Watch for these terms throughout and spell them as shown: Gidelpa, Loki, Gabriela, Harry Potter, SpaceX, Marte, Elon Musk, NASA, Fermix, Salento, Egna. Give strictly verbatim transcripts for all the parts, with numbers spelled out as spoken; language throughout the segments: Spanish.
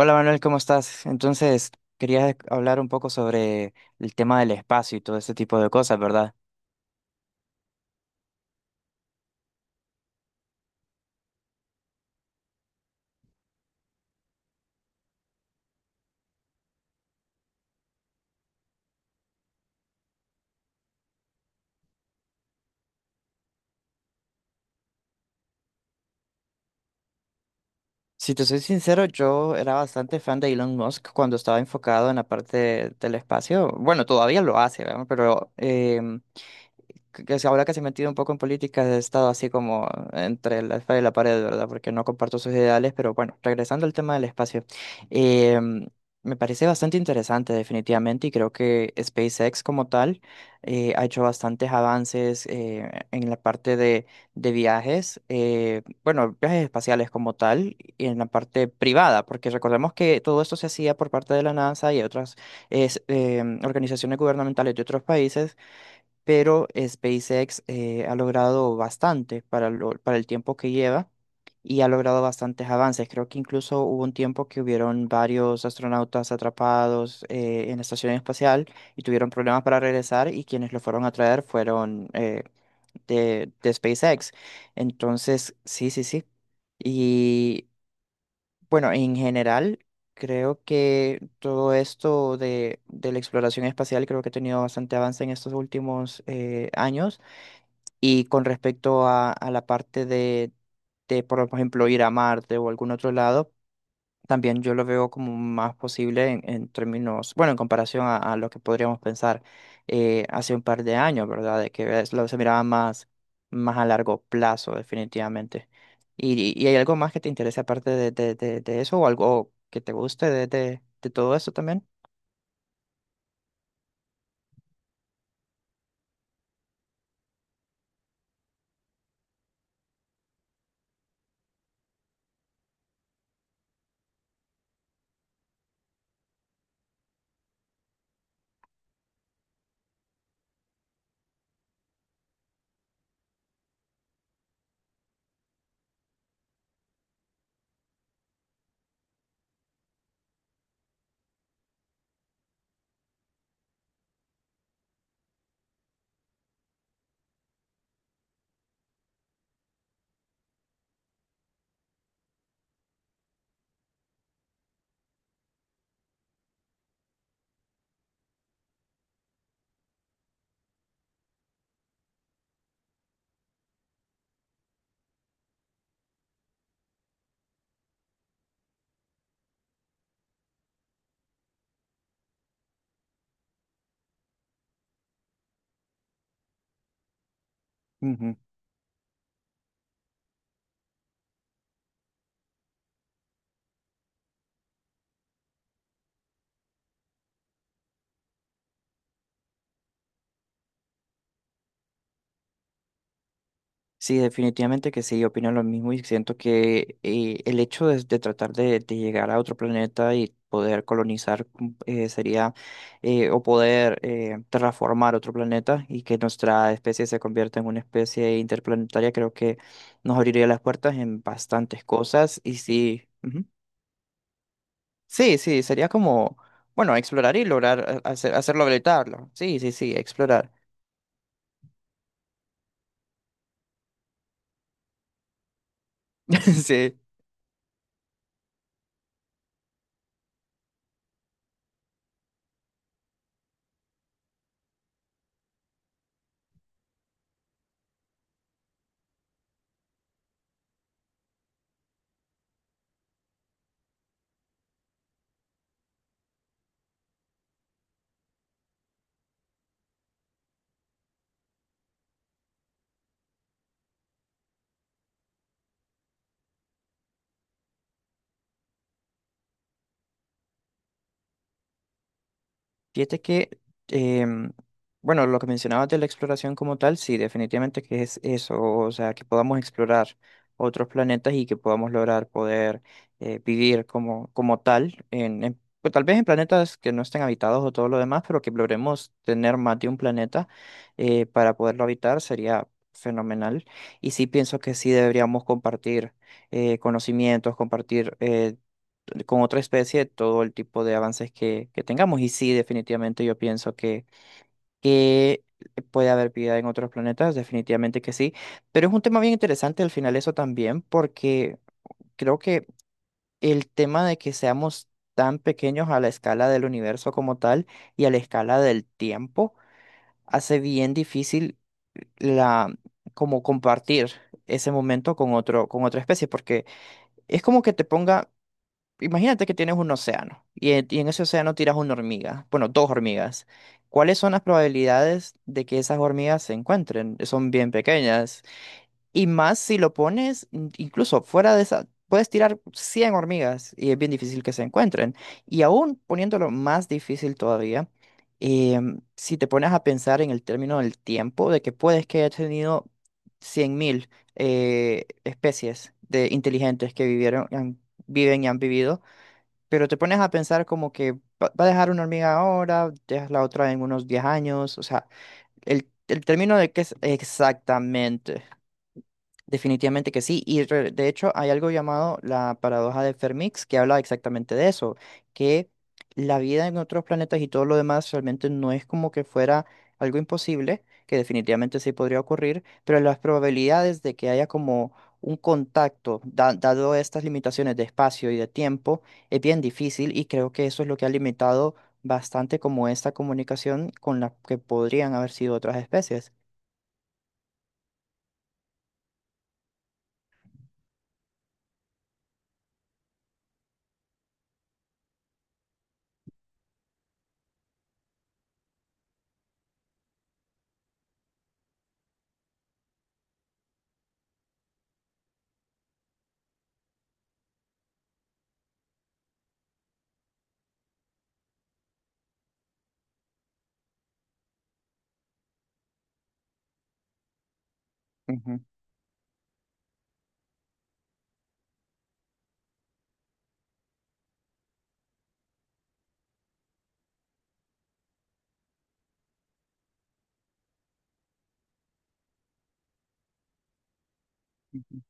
Hola Manuel, ¿cómo estás? Entonces, quería hablar un poco sobre el tema del espacio y todo ese tipo de cosas, ¿verdad? Si te soy sincero, yo era bastante fan de Elon Musk cuando estaba enfocado en la parte del espacio. Bueno, todavía lo hace, ¿verdad? Pero em, que que se- ahora que se ha metido un poco en política, he estado así como entre la espada y la pared, ¿verdad? Porque no comparto sus ideales, pero bueno, regresando al tema del espacio, eh, me parece bastante interesante definitivamente y creo que SpaceX como tal eh, ha hecho bastantes avances eh, en la parte de, de viajes, eh, bueno, viajes espaciales como tal y en la parte privada, porque recordemos que todo esto se hacía por parte de la NASA y otras es, em, organizaciones gubernamentales de otros países, pero SpaceX eh, ha logrado bastante para, lo- para el tiempo que lleva y ha logrado bastantes avances. Creo que incluso hubo un tiempo que hubieron varios astronautas atrapados eh, en la estación espacial y tuvieron problemas para regresar, y quienes los fueron a traer fueron eh, de, de SpaceX. Entonces, sí, sí, sí. Y bueno, en general, creo que todo esto de, de la exploración espacial creo que ha tenido bastante avance en estos últimos eh, años, y con respecto a, a la parte de, de, por ejemplo, ir a Marte o algún otro lado, también yo lo veo como más posible en, en términos, bueno, en comparación a, a lo que podríamos pensar eh, hace un par de años, ¿verdad? De que es- lo, Se miraba más, más a largo plazo, definitivamente. ¿Y, y hay algo más que te interese aparte de, de, de, de eso o algo que te guste de, de, de todo eso también? Sí, definitivamente que sí, opino lo mismo, y siento que eh, el hecho de, de tratar de, de llegar a otro planeta y poder colonizar mm, eh, sería, eh, o poder eh, terraformar otro planeta y que nuestra especie se convierta en una especie interplanetaria. Creo que nos abriría las puertas en bastantes cosas y sí, ujú. Sí, sí, sería como, bueno, explorar y lograr eh, hacer, hacerlo habilitarlo. Sí, sí, sí, explorar. Sí. Fíjate que, em, bueno, lo que mencionabas de la exploración como tal, sí, definitivamente que es eso, o sea, que podamos explorar otros planetas y que podamos lograr poder eh, vivir como, como tal, en, en- pues, tal vez en planetas que no estén habitados o todo lo demás, pero que logremos tener más de un planeta eh, para poderlo habitar sería fenomenal. Y sí pienso que sí deberíamos compartir eh, conocimientos, compartir eh, con otra especie todo el tipo de avances que, que tengamos. Y sí, definitivamente yo pienso que, que puede haber vida en otros planetas, definitivamente que sí. Pero es un tema bien interesante al final eso también, porque creo que el tema de que seamos tan pequeños a la escala del universo como tal y a la escala del tiempo hace bien difícil la como compartir ese momento con otro con otra especie, porque es como que te ponga, imagínate que tienes un océano y en, y en ese océano tiras una hormiga, bueno, dos hormigas. ¿Cuáles son las probabilidades de que esas hormigas se encuentren? Son bien pequeñas. Y más si lo pones mm, incluso fuera de esa, puedes tirar cien hormigas y es bien difícil que se encuentren. Y aún poniéndolo más difícil todavía, em, si te pones a pensar en el término del tiempo, de que puedes que haya tenido cien mil eh, especies de inteligentes que vivieron, han- viven y han vivido, pero te pones a pensar como que va va a dejar una hormiga ahora, dejas la otra en unos diez años, o sea, el, el término de qué es exactamente. Definitivamente que sí, y re- de hecho hay algo llamado la paradoja de Fermix que habla exactamente de eso, que la vida en otros planetas y todo lo demás realmente no es como que fuera algo imposible, que definitivamente sí podría ocurrir, pero las probabilidades de que haya como un contacto, da- dado estas limitaciones de espacio y de tiempo, es bien difícil y creo que eso es lo que ha limitado bastante como esta comunicación con la que podrían haber sido otras especies. Ujú, ujú.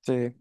Sí.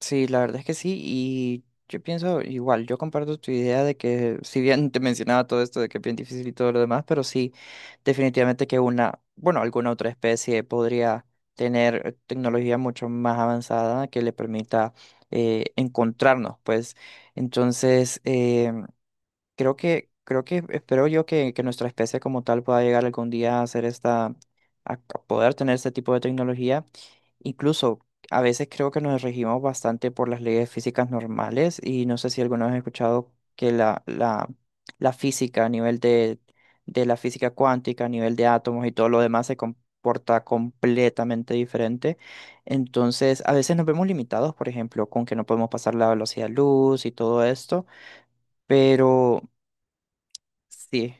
Sí, la verdad es que sí, y yo pienso igual, yo comparto tu idea de que si bien te mencionaba todo esto de que es bien difícil y todo lo demás, pero sí, definitivamente que una, bueno, alguna otra especie podría tener eh, tecnología mucho más avanzada que le permita eh, encontrarnos, pues entonces, eh, creo que, creo que espero yo que, que nuestra especie como tal pueda llegar algún día a hacer esta, a a poder tener este tipo de tecnología. Incluso a veces creo que nos regimos bastante por las leyes físicas normales y no sé si alguna vez has escuchado que la, la, la física a nivel de, de la física cuántica, a nivel de átomos y todo lo demás se comporta completamente diferente. Entonces, a veces nos vemos limitados, por ejemplo, con que no podemos pasar la velocidad de luz y todo esto. Pero sí,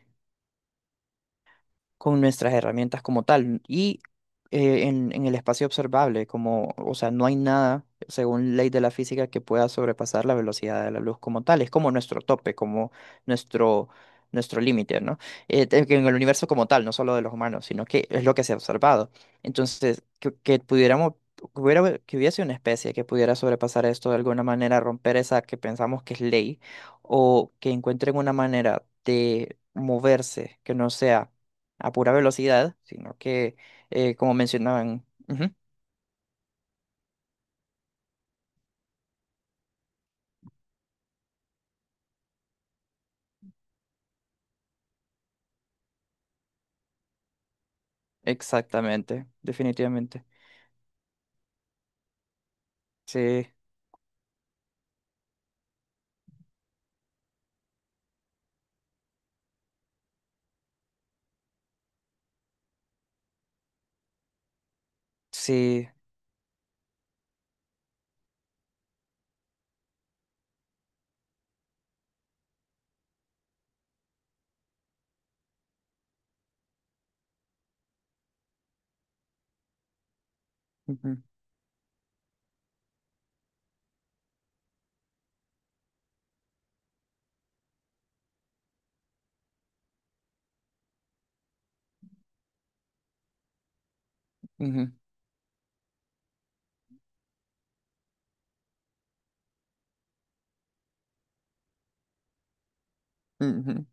con nuestras herramientas como tal. Y eh, en, en el espacio observable, como, o sea, no hay nada, según ley de la física, que pueda sobrepasar la velocidad de la luz como tal. Es como nuestro tope, como nuestro, nuestro límite, ¿no? Eh, te- que en el universo como tal, no solo de los humanos, sino que es lo que se ha observado. Entonces, que, que pudiéramos... que hubiera, que hubiese una especie que pudiera sobrepasar esto de alguna manera, romper esa que pensamos que es ley, o que encuentren una manera de moverse que no sea a pura velocidad, sino que, eh, como mencionaban, ujú, exactamente, definitivamente. Sí, sí. Ujú, ujú, ujú.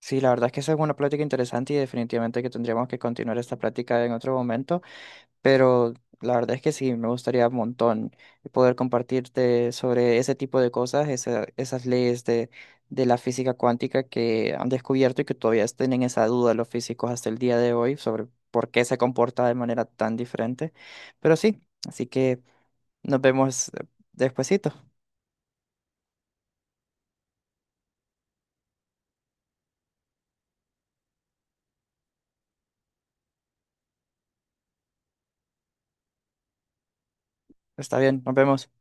Sí, la verdad es que esa es una plática interesante y definitivamente que tendríamos que continuar esta plática en otro momento. Pero la verdad es que sí, me gustaría un montón poder compartirte sobre ese tipo de cosas, esa- esas leyes de, de la física cuántica que han descubierto y que todavía tienen esa duda los físicos hasta el día de hoy sobre por qué se comporta de manera tan diferente. Pero sí, así que nos vemos eh, despuesito. Está bien, nos vemos.